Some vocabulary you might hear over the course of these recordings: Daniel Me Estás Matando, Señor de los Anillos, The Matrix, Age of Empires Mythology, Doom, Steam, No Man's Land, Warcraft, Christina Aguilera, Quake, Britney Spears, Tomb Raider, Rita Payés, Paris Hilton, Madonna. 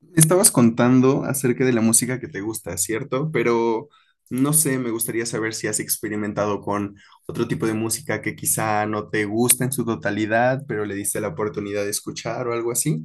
Me estabas contando acerca de la música que te gusta, ¿cierto? Pero no sé, me gustaría saber si has experimentado con otro tipo de música que quizá no te gusta en su totalidad, pero le diste la oportunidad de escuchar o algo así.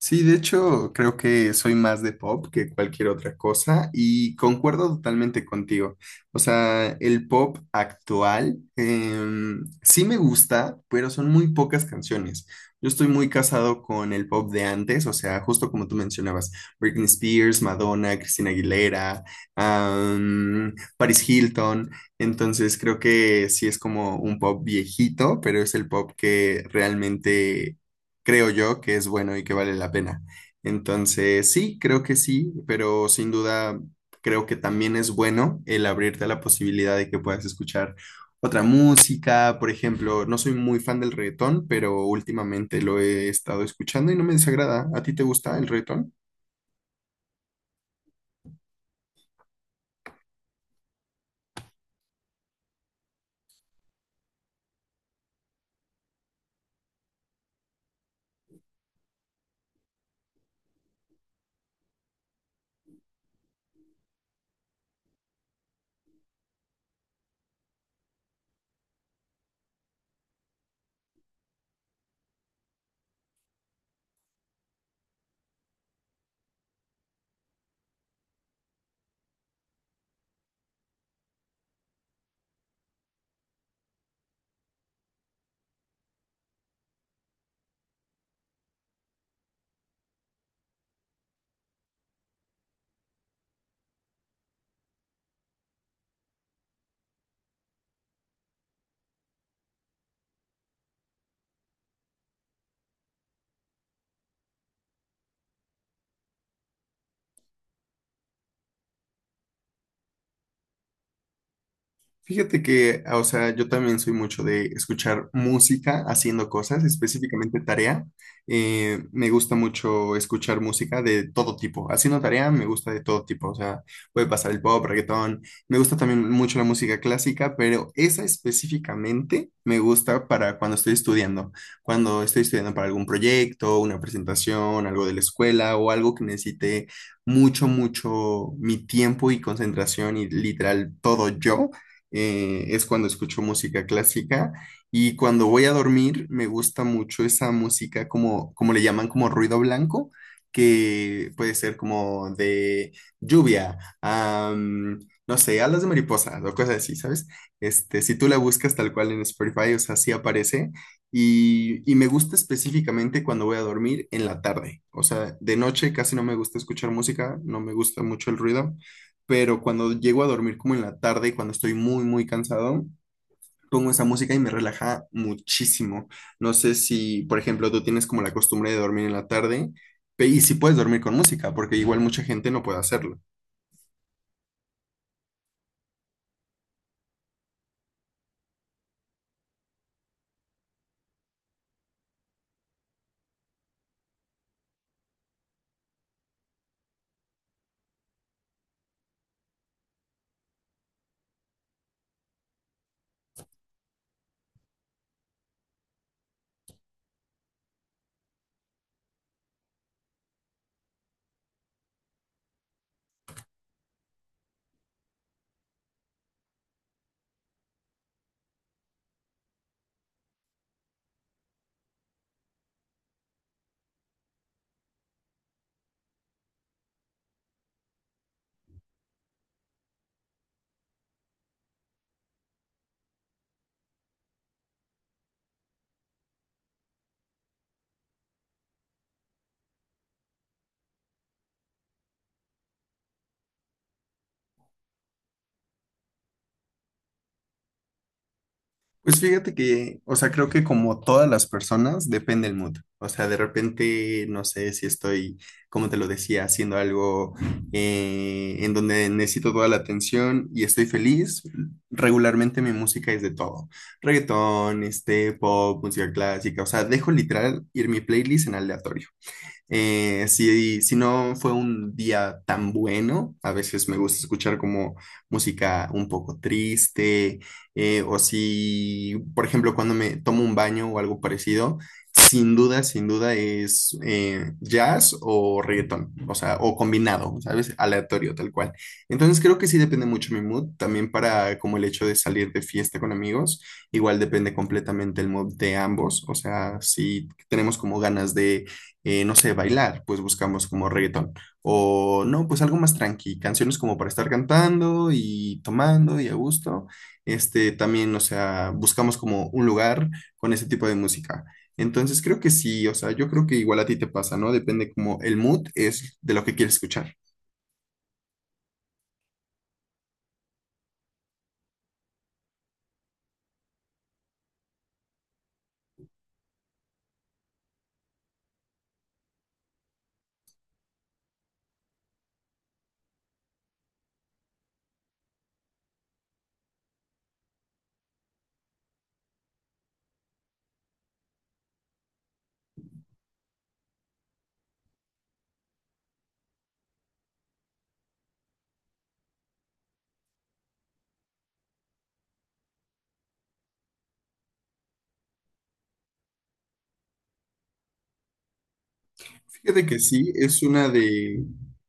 Sí, de hecho, creo que soy más de pop que cualquier otra cosa y concuerdo totalmente contigo. O sea, el pop actual sí me gusta, pero son muy pocas canciones. Yo estoy muy casado con el pop de antes, o sea, justo como tú mencionabas, Britney Spears, Madonna, Christina Aguilera, Paris Hilton. Entonces, creo que sí es como un pop viejito, pero es el pop que realmente creo yo que es bueno y que vale la pena. Entonces, sí, creo que sí, pero sin duda creo que también es bueno el abrirte a la posibilidad de que puedas escuchar otra música. Por ejemplo, no soy muy fan del reggaetón, pero últimamente lo he estado escuchando y no me desagrada. ¿A ti te gusta el reggaetón? Fíjate que, o sea, yo también soy mucho de escuchar música haciendo cosas, específicamente tarea. Me gusta mucho escuchar música de todo tipo. Haciendo tarea me gusta de todo tipo, o sea, puede pasar el pop, reggaetón. Me gusta también mucho la música clásica, pero esa específicamente me gusta para cuando estoy estudiando. Cuando estoy estudiando para algún proyecto, una presentación, algo de la escuela o algo que necesite mucho, mucho mi tiempo y concentración y literal todo yo, es cuando escucho música clásica. Y cuando voy a dormir me gusta mucho esa música como, como le llaman, como ruido blanco, que puede ser como de lluvia, no sé, alas de mariposa o cosas así, ¿sabes? Este, si tú la buscas tal cual en Spotify, o sea, sí aparece, y me gusta específicamente cuando voy a dormir en la tarde, o sea, de noche casi no me gusta escuchar música, no me gusta mucho el ruido, pero cuando llego a dormir como en la tarde, y cuando estoy muy, muy cansado, pongo esa música y me relaja muchísimo. No sé si, por ejemplo, tú tienes como la costumbre de dormir en la tarde, y si puedes dormir con música, porque igual mucha gente no puede hacerlo. Pues fíjate que, o sea, creo que como todas las personas, depende el mood. O sea, de repente, no sé si estoy, como te lo decía, haciendo algo, en donde necesito toda la atención y estoy feliz. Regularmente mi música es de todo. Reggaetón, este, pop, música clásica. O sea, dejo literal ir mi playlist en aleatorio. Si, si no fue un día tan bueno, a veces me gusta escuchar como música un poco triste, o si, por ejemplo, cuando me tomo un baño o algo parecido, sin duda, sin duda es jazz o reggaetón, o sea, o combinado, ¿sabes? Aleatorio, tal cual. Entonces creo que sí depende mucho mi mood, también para como el hecho de salir de fiesta con amigos, igual depende completamente el mood de ambos, o sea, si tenemos como ganas de, no sé, bailar, pues buscamos como reggaetón. O no, pues algo más tranqui, canciones como para estar cantando y tomando y a gusto. Este, también, o sea, buscamos como un lugar con ese tipo de música. Entonces creo que sí, o sea, yo creo que igual a ti te pasa, ¿no? Depende como el mood es de lo que quieres escuchar. Fíjate que sí, es una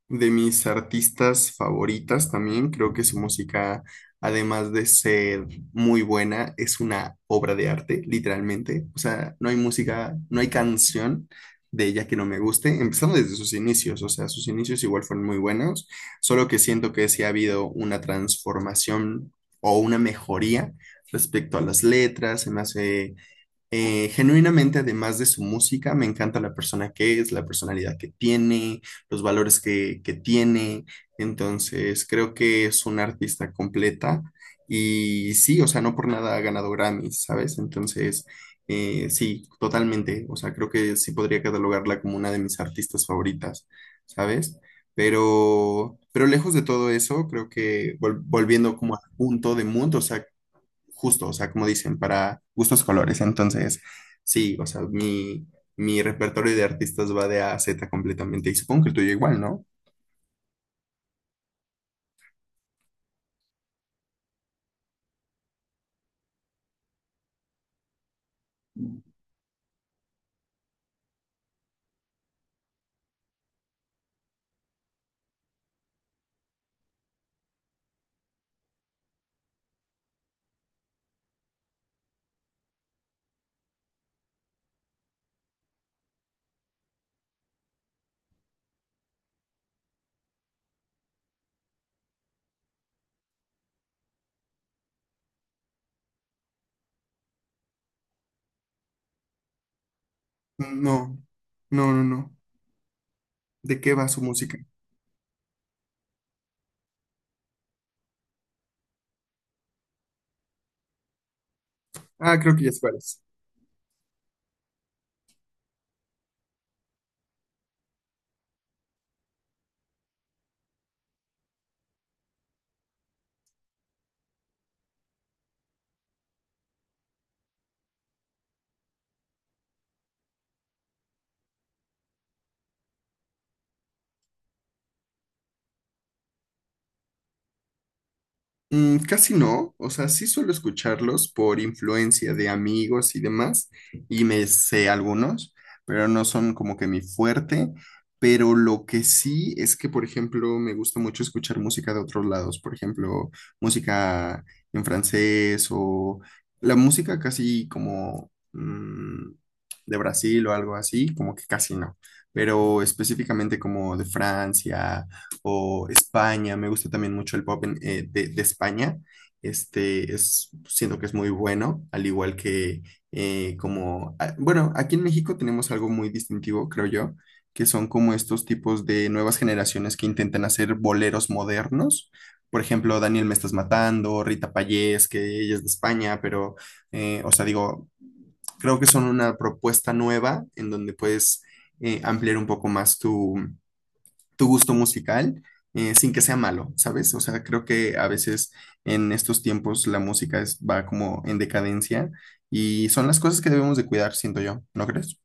de mis artistas favoritas también. Creo que su música, además de ser muy buena, es una obra de arte, literalmente. O sea, no hay música, no hay canción de ella que no me guste, empezando desde sus inicios. O sea, sus inicios igual fueron muy buenos, solo que siento que sí ha habido una transformación o una mejoría respecto a las letras. Se me hace, genuinamente, además de su música, me encanta la persona que es, la personalidad que tiene, los valores que tiene. Entonces, creo que es una artista completa y sí, o sea, no por nada ha ganado Grammys, ¿sabes? Entonces, sí, totalmente. O sea, creo que sí podría catalogarla como una de mis artistas favoritas, ¿sabes? Pero lejos de todo eso, creo que volviendo como al punto de mood, o sea, justo, o sea, como dicen, para gustos colores. Entonces, sí, o sea, mi repertorio de artistas va de A a Z completamente. Y supongo que el tuyo igual, ¿no? No, no, no, no. ¿De qué va su música? Ah, creo que ya sabes. Mm, casi no, o sea, sí suelo escucharlos por influencia de amigos y demás, y me sé algunos, pero no son como que mi fuerte, pero lo que sí es que, por ejemplo, me gusta mucho escuchar música de otros lados, por ejemplo, música en francés o la música casi como mm, de Brasil o algo así, como que casi no, pero específicamente como de Francia o España, me gusta también mucho el pop de España, este es, siento que es muy bueno, al igual que, bueno, aquí en México tenemos algo muy distintivo, creo yo, que son como estos tipos de nuevas generaciones que intentan hacer boleros modernos. Por ejemplo, Daniel Me Estás Matando, Rita Payés, que ella es de España, pero, o sea, digo, creo que son una propuesta nueva en donde puedes ampliar un poco más tu tu gusto musical, sin que sea malo, ¿sabes? O sea, creo que a veces en estos tiempos la música va como en decadencia y son las cosas que debemos de cuidar, siento yo, ¿no crees?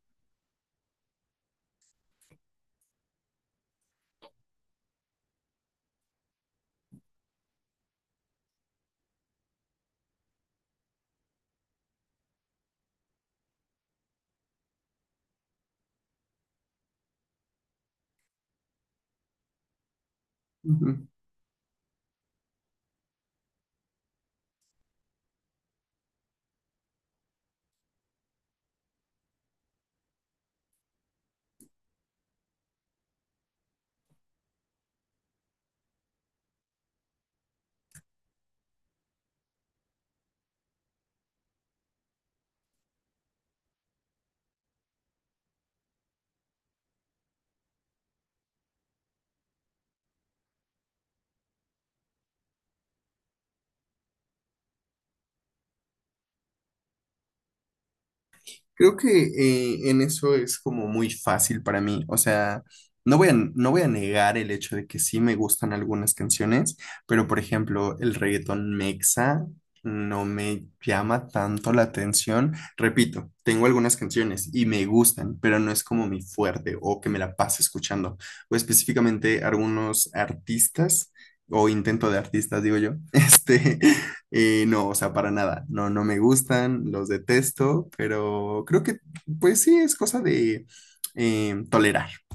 Creo que, en eso es como muy fácil para mí. O sea, no voy a negar el hecho de que sí me gustan algunas canciones, pero por ejemplo, el reggaetón mexa no me llama tanto la atención. Repito, tengo algunas canciones y me gustan, pero no es como mi fuerte o que me la pase escuchando. O específicamente algunos artistas o intento de artistas, digo yo, este, no, o sea, para nada. No, no me gustan, los detesto, pero creo que, pues sí, es cosa de tolerar,